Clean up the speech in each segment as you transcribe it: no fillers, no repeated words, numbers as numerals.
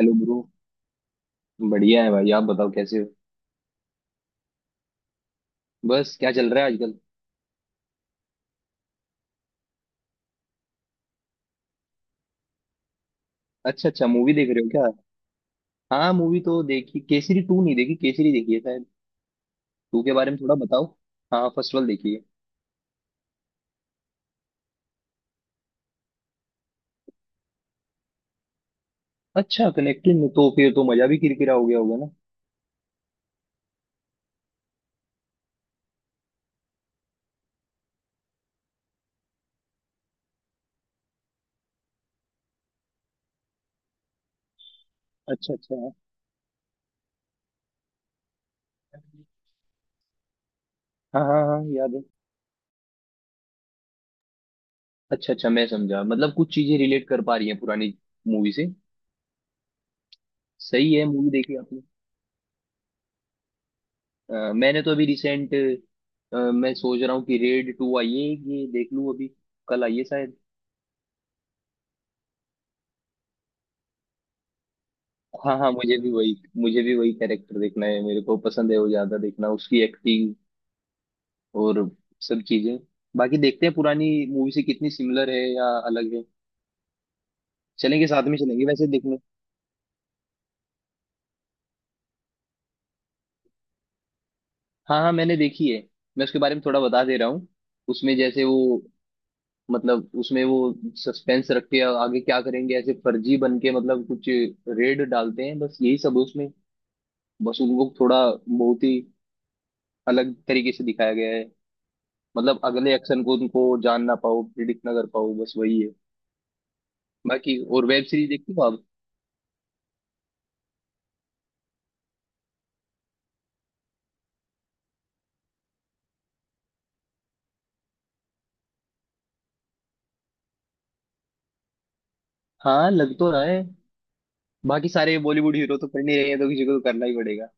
Hello bro. बढ़िया है भाई, आप बताओ कैसे हो। बस क्या चल रहा है आजकल। अच्छा अच्छा, मूवी देख रहे हो क्या। हाँ, मूवी तो देखी। केसरी टू नहीं देखी, केसरी देखी है शायद। टू के बारे में थोड़ा बताओ। हाँ, फर्स्ट वाला देखी है। अच्छा, कनेक्टेड में तो फिर तो मजा भी किरकिरा हो गया होगा ना। अच्छा अच्छा। हाँ हाँ हाँ हाँ, याद है। अच्छा अच्छा, मैं समझा। मतलब कुछ चीजें रिलेट कर पा रही हैं पुरानी मूवी से। सही है। मूवी देखी आपने। मैंने तो अभी रिसेंट, मैं सोच रहा हूँ कि रेड टू आई है, ये देख लूँ अभी। कल आई है शायद। हाँ हाँ, मुझे भी वही। मुझे भी वही कैरेक्टर देखना है, मेरे को पसंद है वो ज्यादा देखना, उसकी एक्टिंग और सब चीजें। बाकी देखते हैं पुरानी मूवी से कितनी सिमिलर है या अलग है। चलेंगे, साथ में चलेंगे वैसे देखने। हाँ हाँ, मैंने देखी है। मैं उसके बारे में थोड़ा बता दे रहा हूँ। उसमें जैसे वो, मतलब उसमें वो सस्पेंस रख के आगे क्या करेंगे, ऐसे फर्जी बन के मतलब कुछ रेड डालते हैं, बस यही सब है उसमें। बस उनको थोड़ा बहुत ही अलग तरीके से दिखाया गया है। मतलब अगले एक्शन को उनको जान ना पाओ, प्रिडिक्ट ना कर पाओ, बस वही है। बाकी और वेब सीरीज देखती हो आप। हाँ, लग तो रहा है। बाकी सारे बॉलीवुड हीरो तो कर नहीं रहे हैं, तो किसी को तो करना ही पड़ेगा।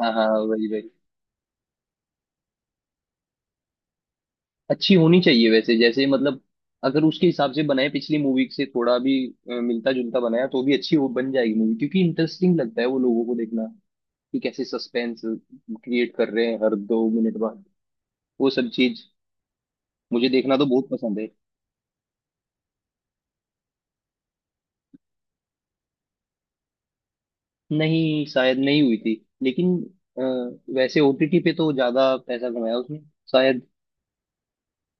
हाँ हाँ, वही वही। अच्छी होनी चाहिए वैसे, जैसे मतलब अगर उसके हिसाब से बनाए, पिछली मूवी से थोड़ा भी मिलता जुलता बनाया तो भी अच्छी हो बन जाएगी मूवी, क्योंकि इंटरेस्टिंग लगता है वो लोगों को देखना कि कैसे सस्पेंस क्रिएट कर रहे हैं हर 2 मिनट बाद, वो सब चीज। मुझे देखना तो बहुत पसंद है। नहीं शायद नहीं हुई थी, लेकिन वैसे ओटीटी पे तो ज्यादा पैसा कमाया उसने शायद।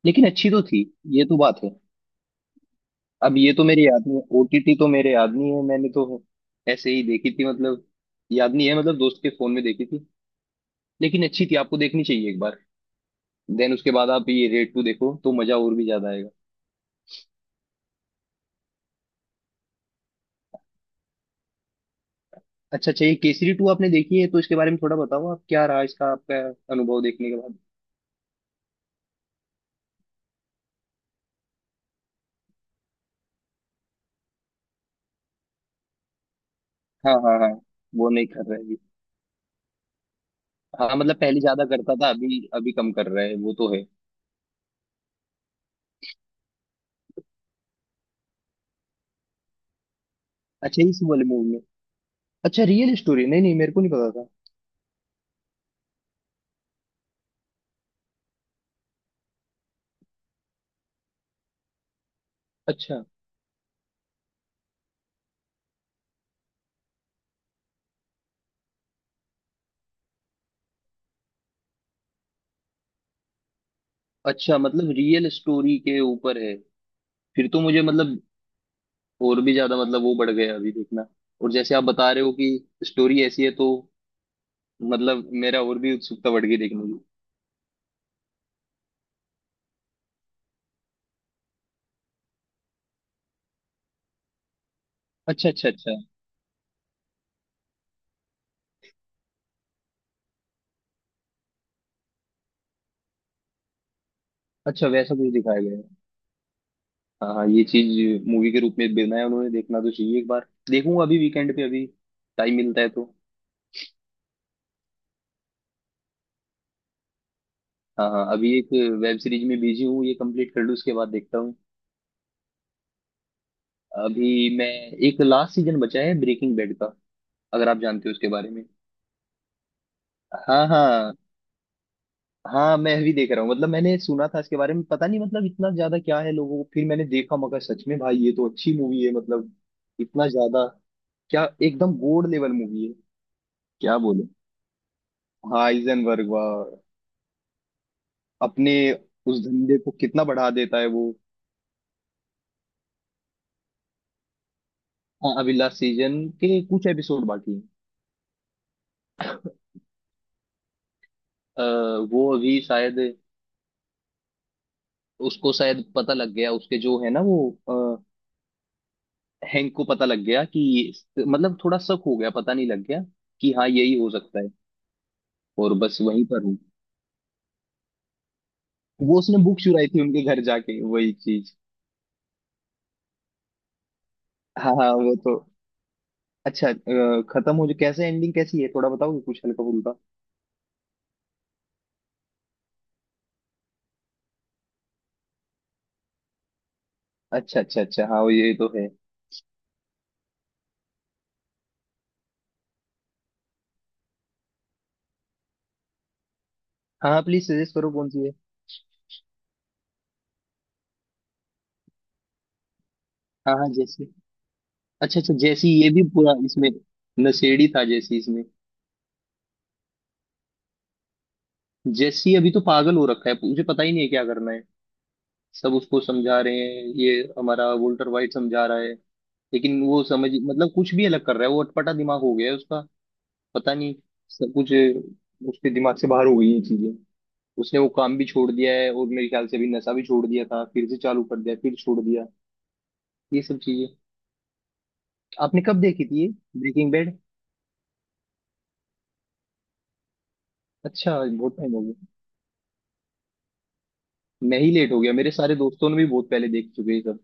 लेकिन अच्छी तो थी, ये तो बात है। अब ये तो मेरे याद नहीं, ओटीटी तो मेरे याद नहीं है। मैंने तो ऐसे ही देखी थी, मतलब याद नहीं है। मतलब दोस्त के फोन में देखी थी, लेकिन अच्छी थी। आपको देखनी चाहिए एक बार। देन उसके बाद आप ये रेड टू देखो तो मजा और भी ज्यादा आएगा। अच्छा अच्छा, ये केसरी टू आपने देखी है तो इसके बारे में थोड़ा बताओ, आप क्या रहा इसका आपका अनुभव देखने के बाद। हाँ हाँ हाँ, वो नहीं कर रहे। हाँ, मतलब पहले ज्यादा करता था, अभी अभी कम कर रहा है वो तो है। अच्छा, इस वाले मूवी में। अच्छा, रियल स्टोरी, नहीं नहीं मेरे को नहीं पता था। अच्छा अच्छा, मतलब रियल स्टोरी के ऊपर है। फिर तो मुझे मतलब और भी ज्यादा, मतलब वो बढ़ गया अभी देखना। और जैसे आप बता रहे हो कि स्टोरी ऐसी है तो, मतलब मेरा और भी उत्सुकता बढ़ गई देखने की। अच्छा अच्छा अच्छा। अच्छा, वैसा कुछ दिखाया गया है। हाँ हाँ, ये चीज मूवी के रूप में बनाया उन्होंने। देखना तो चाहिए, एक बार देखूंगा अभी वीकेंड पे, अभी टाइम मिलता है तो। हाँ हाँ, अभी एक वेब सीरीज में बिजी हूँ। ये कंप्लीट कर लूँ उसके बाद देखता हूँ। अभी मैं, एक लास्ट सीजन बचा है ब्रेकिंग बैड का, अगर आप जानते हो उसके बारे में। हाँ हाँ। हाँ मैं अभी देख रहा हूँ। मतलब मैंने सुना था इसके बारे में, पता नहीं मतलब इतना ज्यादा क्या है लोगों को, फिर मैंने देखा मगर सच में भाई ये तो अच्छी मूवी है। मतलब इतना ज्यादा क्या, एकदम गोल्ड लेवल मूवी है। क्या बोले। हाँ, हाइजेनबर्ग, वाह। अपने उस धंधे को कितना बढ़ा देता है वो। हाँ, अभी लास्ट सीजन के कुछ एपिसोड बाकी हैं। अ, वो अभी शायद, उसको शायद पता लग गया, उसके जो है ना वो, अ, हैंक को पता लग गया कि मतलब थोड़ा शक हो गया, पता नहीं लग गया कि हाँ यही हो सकता है। और बस वहीं पर हूँ। वो उसने बुक चुराई थी उनके घर जाके, वही चीज। हाँ हाँ, वो तो। अच्छा खत्म हो जो, कैसे एंडिंग कैसी है, थोड़ा बताओगे कुछ हल्का फुल्का। अच्छा अच्छा अच्छा, हाँ वो ये तो है। हाँ हाँ, प्लीज सजेस्ट करो कौन सी है। हाँ हाँ, जैसी। अच्छा अच्छा, जैसी ये भी पूरा इसमें नशेड़ी था जैसी, इसमें। जैसी अभी तो पागल हो रखा है, मुझे पता ही नहीं है क्या करना है। सब उसको समझा रहे हैं, ये हमारा वोल्टर वाइट समझा रहा है, लेकिन वो समझ, मतलब कुछ भी अलग कर रहा है वो, अटपटा दिमाग हो गया है उसका, पता नहीं। सब कुछ उसके दिमाग से बाहर हो गई है चीजें। उसने वो काम भी छोड़ दिया है, और मेरे ख्याल से अभी नशा भी छोड़ दिया था फिर से चालू कर दिया, फिर छोड़ दिया, ये सब चीजें। आपने कब देखी थी ये ब्रेकिंग बैड। अच्छा बहुत टाइम हो गया। मैं ही लेट हो गया, मेरे सारे दोस्तों ने भी बहुत पहले देख चुके हैं ये सब।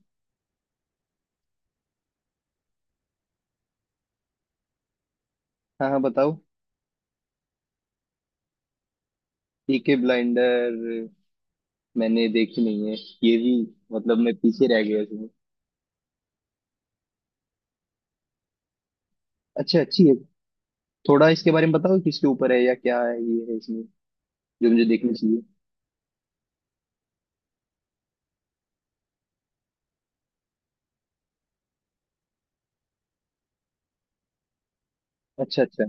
हाँ हाँ बताओ। पीके ब्लाइंडर, मैंने देखी नहीं है ये भी। मतलब मैं पीछे रह गया इसमें। अच्छा, अच्छी है। थोड़ा इसके बारे में बताओ, किसके ऊपर है या क्या है ये, है इसमें जो मुझे देखनी चाहिए। अच्छा अच्छा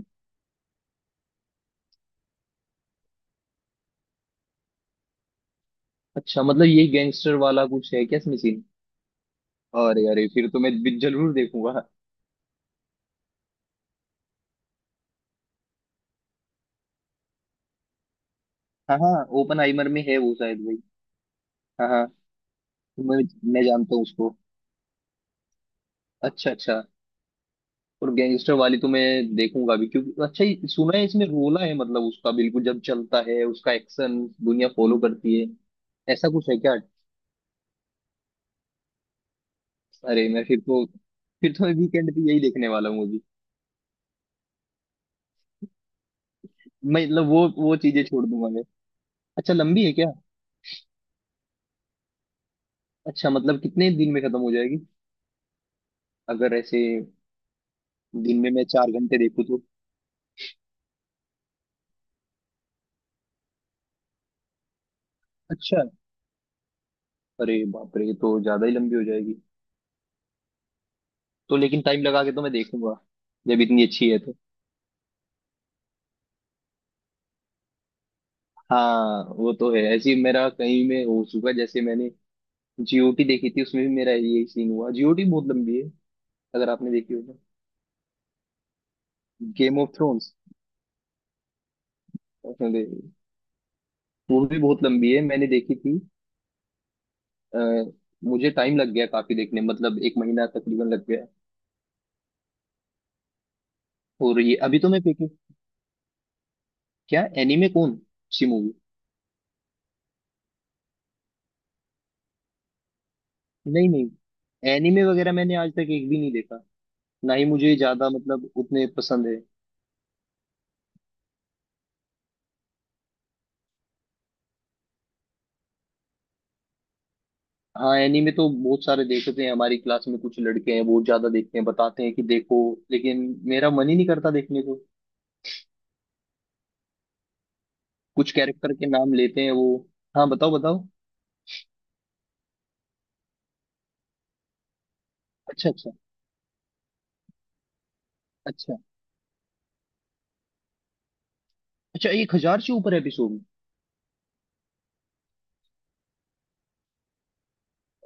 अच्छा, मतलब ये गैंगस्टर वाला कुछ है क्या इसमें सीन। अरे अरे फिर तो मैं भी जरूर देखूंगा। हाँ हाँ, ओपन आइमर में है वो शायद भाई। हाँ हाँ। मैं मैं जानता हूँ उसको। अच्छा अच्छा। और गैंगस्टर वाली तो मैं देखूंगा भी, क्योंकि अच्छा ये सुना है इसमें रोला है, मतलब उसका बिल्कुल जब चलता है उसका एक्शन, दुनिया फॉलो करती है, ऐसा कुछ है क्या। अरे मैं फिर तो, फिर तो वीकेंड पे यही देखने वाला हूँ। मैं मतलब वो चीजें छोड़ दूंगा मैं। अच्छा, लंबी है क्या। अच्छा मतलब कितने दिन में खत्म हो जाएगी, अगर ऐसे दिन में मैं 4 घंटे देखूँ तो। अच्छा। अरे बाप रे, ये तो ज्यादा ही लंबी हो जाएगी। तो लेकिन टाइम लगा के तो मैं देखूंगा, जब इतनी अच्छी है तो। हाँ वो तो है, ऐसे ही मेरा कहीं में हो चुका है। जैसे मैंने जीओटी देखी थी, उसमें भी मेरा यही सीन हुआ। जीओटी बहुत लंबी है, अगर आपने देखी हो तो। Game of Thrones. अरे, वो भी बहुत लंबी है, मैंने देखी थी। अ, मुझे टाइम लग गया काफी देखने में, मतलब 1 महीना तकरीबन लग गया। हो रही है अभी तो मैं देखे, क्या एनीमे, कौन सी मूवी। नहीं नहीं, एनीमे वगैरह मैंने आज तक एक भी नहीं देखा। ना ही मुझे ज्यादा, मतलब उतने पसंद है। हाँ एनीमे तो बहुत सारे देखते हैं, हमारी क्लास में कुछ लड़के हैं बहुत ज्यादा देखते हैं, बताते हैं कि देखो, लेकिन मेरा मन ही नहीं करता देखने को। कुछ कैरेक्टर के नाम लेते हैं वो। हाँ बताओ बताओ। अच्छा अच्छा। अच्छा, अच्छा एक हजार से ऊपर एपिसोड।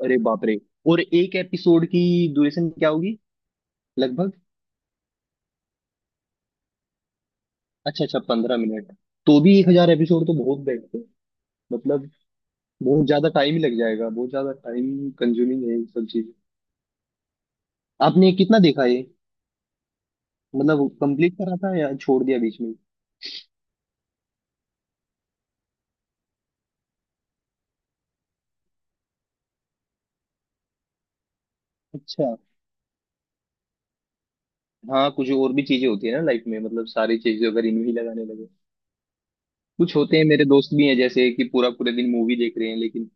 अरे बाप रे। और एक एपिसोड की ड्यूरेशन क्या होगी लगभग। अच्छा अच्छा, 15 मिनट तो भी 1000 एपिसोड तो बहुत बेस्ट है। मतलब बहुत ज्यादा टाइम ही लग जाएगा, बहुत ज्यादा टाइम कंज्यूमिंग है ये सब चीज। आपने कितना देखा ये, मतलब कंप्लीट करा था या छोड़ दिया बीच में। अच्छा। हाँ कुछ और भी चीजें होती है ना लाइफ में, मतलब सारी चीजें अगर इनमें ही लगाने लगे। कुछ होते हैं, मेरे दोस्त भी हैं जैसे कि पूरा पूरे दिन मूवी देख रहे हैं, लेकिन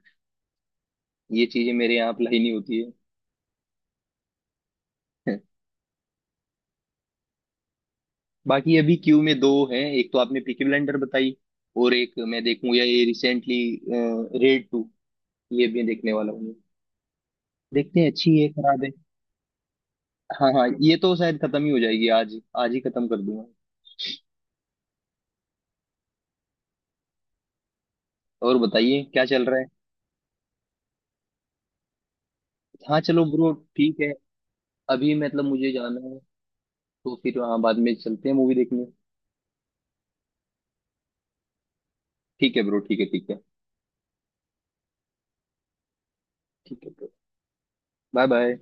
ये चीजें मेरे यहाँ अप्लाई नहीं होती है। बाकी अभी क्यू में दो हैं, एक तो आपने पीकी ब्लाइंडर बताई, और एक मैं देखूंगा ये रिसेंटली, रेड टू, ये भी देखने वाला हूँ मैं। देखते हैं अच्छी है खराब। हाँ हाँ, ये तो शायद खत्म ही हो जाएगी आज ही, आज ही खत्म कर दूंगा। और बताइए क्या चल रहा है। हाँ चलो ब्रो, ठीक है, अभी मतलब मुझे जाना है, तो फिर हाँ बाद में चलते हैं मूवी देखने। ठीक है ब्रो, ठीक है, ठीक है। ठीक है ब्रो, बाय बाय।